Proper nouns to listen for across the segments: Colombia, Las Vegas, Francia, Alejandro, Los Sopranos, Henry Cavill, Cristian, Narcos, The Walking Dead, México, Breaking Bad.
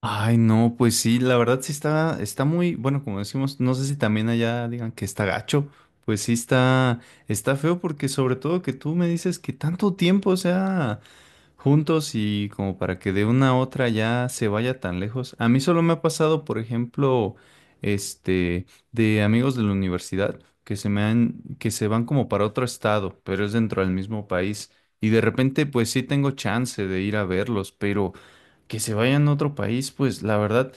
Ay, no, pues sí, la verdad sí está muy, bueno, como decimos, no sé si también allá digan que está gacho, pues sí está feo porque sobre todo que tú me dices que tanto tiempo, o sea, juntos y como para que de una a otra ya se vaya tan lejos. A mí solo me ha pasado, por ejemplo, este, de amigos de la universidad que se van como para otro estado, pero es dentro del mismo país. Y de repente, pues sí tengo chance de ir a verlos, pero que se vayan a otro país, pues la verdad,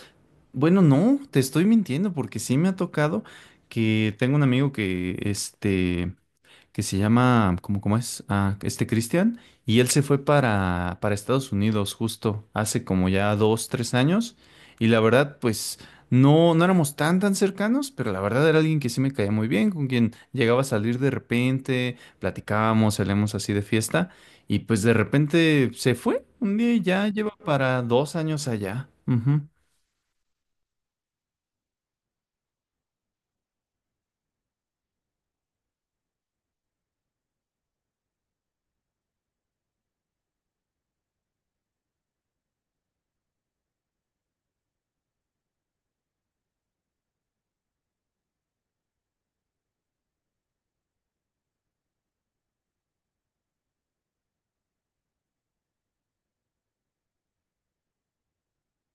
bueno, no, te estoy mintiendo porque sí me ha tocado que tengo un amigo que, que se llama, ¿cómo, cómo es? Ah, este Cristian, y él se fue para Estados Unidos justo hace como ya dos, tres años, y la verdad, pues no, no éramos tan cercanos, pero la verdad era alguien que sí me caía muy bien, con quien llegaba a salir de repente, platicábamos, salíamos así de fiesta, y pues de repente se fue un día y ya lleva para 2 años allá. Ujú.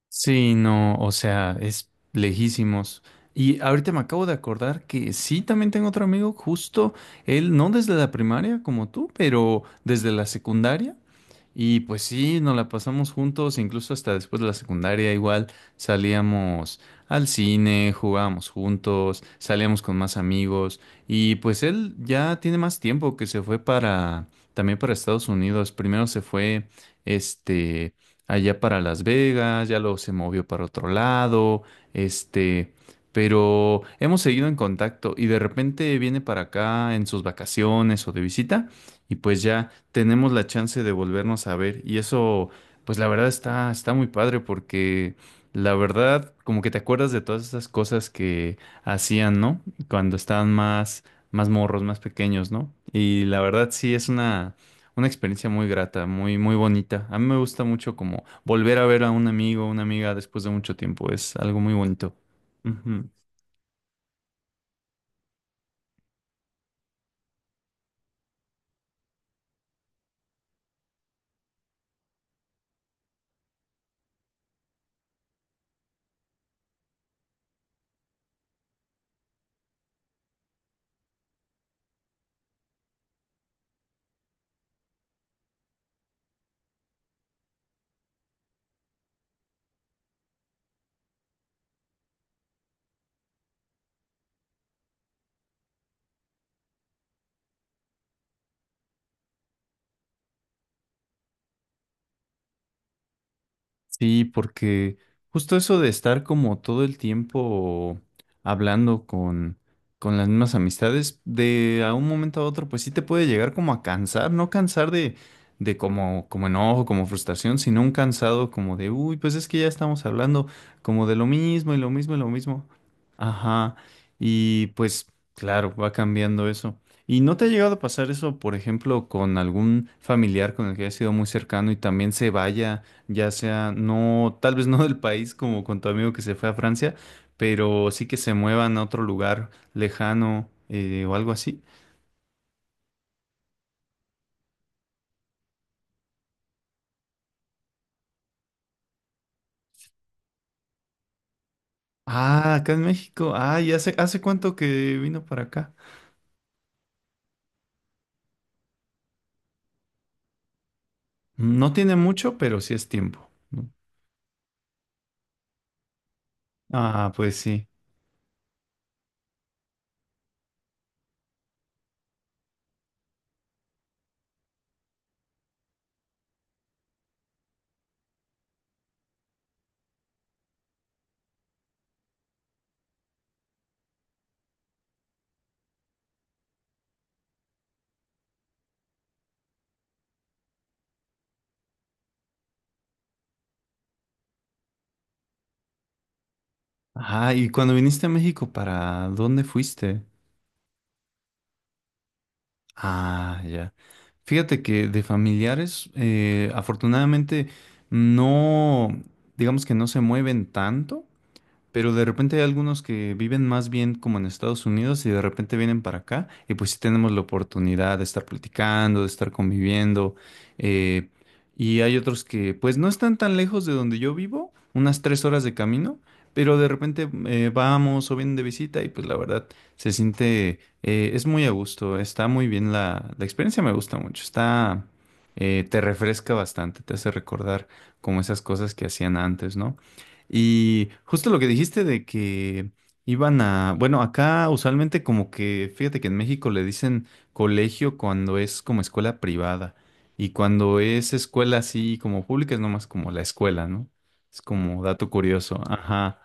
Sí, no, o sea, es lejísimos. Y ahorita me acabo de acordar que sí, también tengo otro amigo, justo él, no desde la primaria como tú, pero desde la secundaria. Y pues sí, nos la pasamos juntos, incluso hasta después de la secundaria igual salíamos al cine, jugábamos juntos, salíamos con más amigos y pues él ya tiene más tiempo que se fue para también para Estados Unidos. Primero se fue este allá para Las Vegas, ya luego se movió para otro lado, este, pero hemos seguido en contacto y de repente viene para acá en sus vacaciones o de visita y pues ya tenemos la chance de volvernos a ver. Y eso, pues la verdad está muy padre porque la verdad, como que te acuerdas de todas esas cosas que hacían, ¿no? Cuando estaban más morros, más pequeños, ¿no? Y la verdad sí es una experiencia muy grata, muy, muy bonita. A mí me gusta mucho como volver a ver a un amigo, una amiga después de mucho tiempo. Es algo muy bonito. Ujú. Sí, porque justo eso de estar como todo el tiempo hablando con las mismas amistades, de a un momento a otro, pues sí te puede llegar como a cansar, no cansar de como enojo, como frustración, sino un cansado como de, uy, pues es que ya estamos hablando como de lo mismo y lo mismo y lo mismo. Ajá, y pues claro, va cambiando eso. ¿Y no te ha llegado a pasar eso, por ejemplo, con algún familiar con el que hayas sido muy cercano y también se vaya? Ya sea no, tal vez no del país como con tu amigo que se fue a Francia, pero sí que se muevan a otro lugar lejano, o algo así. Ah, acá en México. Ah, ¿y hace cuánto que vino para acá? No tiene mucho, pero sí es tiempo, ¿no? Ah, pues sí. Ah, y cuando viniste a México, ¿para dónde fuiste? Ah, ya. Fíjate que de familiares, afortunadamente, no, digamos que no se mueven tanto. Pero de repente hay algunos que viven más bien como en Estados Unidos y de repente vienen para acá y pues sí tenemos la oportunidad de estar platicando, de estar conviviendo. eh, y hay otros que pues no están tan lejos de donde yo vivo, unas 3 horas de camino, pero de repente vamos o vienen de visita y pues la verdad se siente, es muy a gusto, está muy bien la experiencia, me gusta mucho, está, te refresca bastante, te hace recordar como esas cosas que hacían antes, ¿no? Y justo lo que dijiste de que iban a, bueno, acá usualmente como que, fíjate que en México le dicen colegio cuando es como escuela privada y cuando es escuela así como pública es nomás como la escuela, ¿no? Es como dato curioso. Ajá.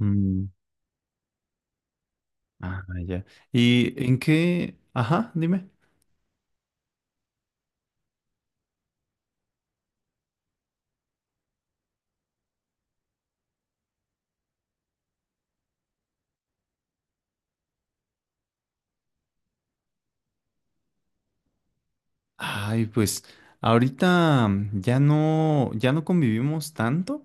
Mm, ah, ya. ¿Y en qué? Ajá, dime. Ay, pues ahorita ya no, ya no convivimos tanto.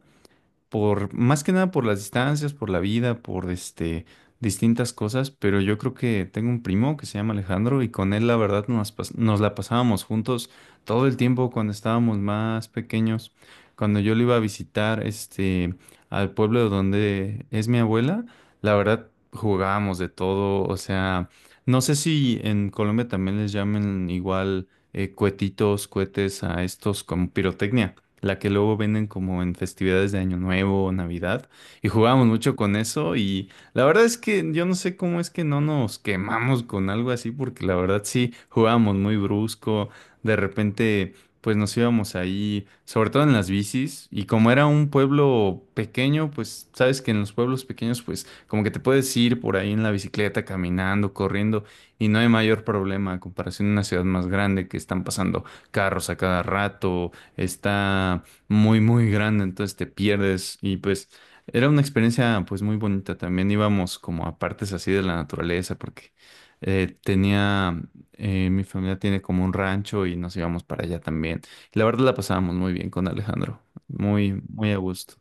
Por más que nada por las distancias, por la vida, por distintas cosas, pero yo creo que tengo un primo que se llama Alejandro y con él la verdad nos la pasábamos juntos todo el tiempo cuando estábamos más pequeños. Cuando yo lo iba a visitar al pueblo donde es mi abuela, la verdad jugábamos de todo, o sea, no sé si en Colombia también les llamen igual, cuetitos, cohetes a estos como pirotecnia la que luego venden como en festividades de Año Nuevo o Navidad, y jugábamos mucho con eso y la verdad es que yo no sé cómo es que no nos quemamos con algo así, porque la verdad sí jugábamos muy brusco, de repente pues nos íbamos ahí, sobre todo en las bicis, y como era un pueblo pequeño, pues sabes que en los pueblos pequeños pues como que te puedes ir por ahí en la bicicleta, caminando, corriendo, y no hay mayor problema a comparación de una ciudad más grande que están pasando carros a cada rato, está muy, muy grande, entonces te pierdes y pues era una experiencia pues muy bonita. También íbamos como a partes así de la naturaleza porque tenía, mi familia tiene como un rancho y nos íbamos para allá también. Y la verdad la pasábamos muy bien con Alejandro, muy, muy a gusto.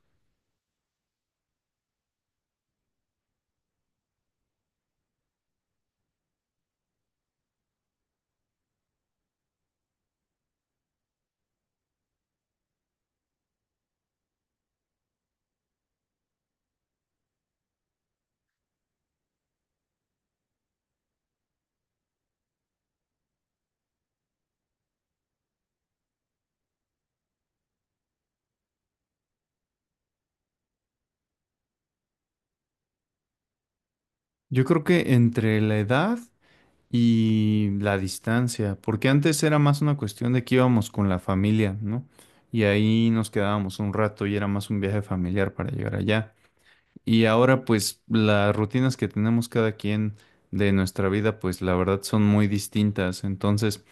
Yo creo que entre la edad y la distancia, porque antes era más una cuestión de que íbamos con la familia, ¿no? Y ahí nos quedábamos un rato y era más un viaje familiar para llegar allá. Y ahora pues las rutinas que tenemos cada quien de nuestra vida pues la verdad son muy distintas. Entonces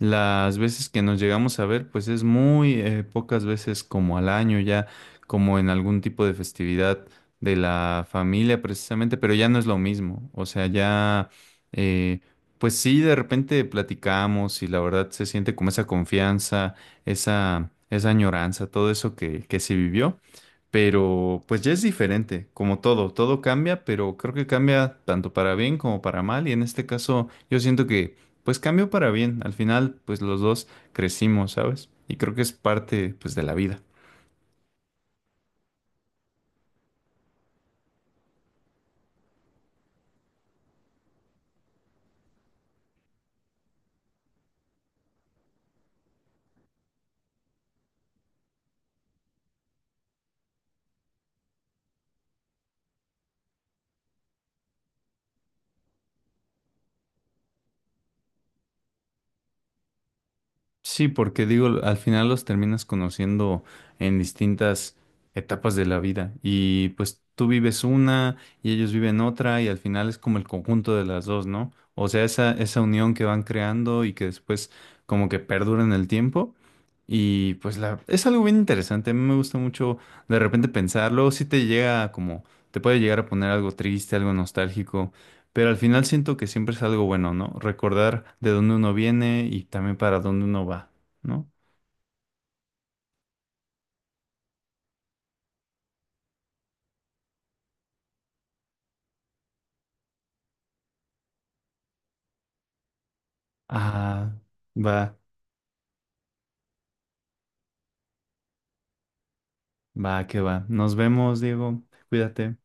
las veces que nos llegamos a ver pues es muy pocas veces como al año ya, como en algún tipo de festividad de la familia precisamente, pero ya no es lo mismo. O sea, ya, eh, pues sí, de repente platicamos y la verdad se siente como esa confianza, esa añoranza, todo eso que se vivió. Pero pues ya es diferente, como todo, todo cambia, pero creo que cambia tanto para bien como para mal y en este caso yo siento que pues cambió para bien, al final pues los dos crecimos, ¿sabes? Y creo que es parte pues de la vida. Sí, porque digo, al final los terminas conociendo en distintas etapas de la vida y pues tú vives una y ellos viven otra y al final es como el conjunto de las dos, ¿no? O sea, esa unión que van creando y que después como que perdura en el tiempo. Y pues es algo bien interesante, a mí me gusta mucho de repente pensarlo, si te llega como, te puede llegar a poner algo triste, algo nostálgico, pero al final siento que siempre es algo bueno, ¿no? Recordar de dónde uno viene y también para dónde uno va, ¿no? Ah, va, va, que va. Nos vemos, Diego, cuídate.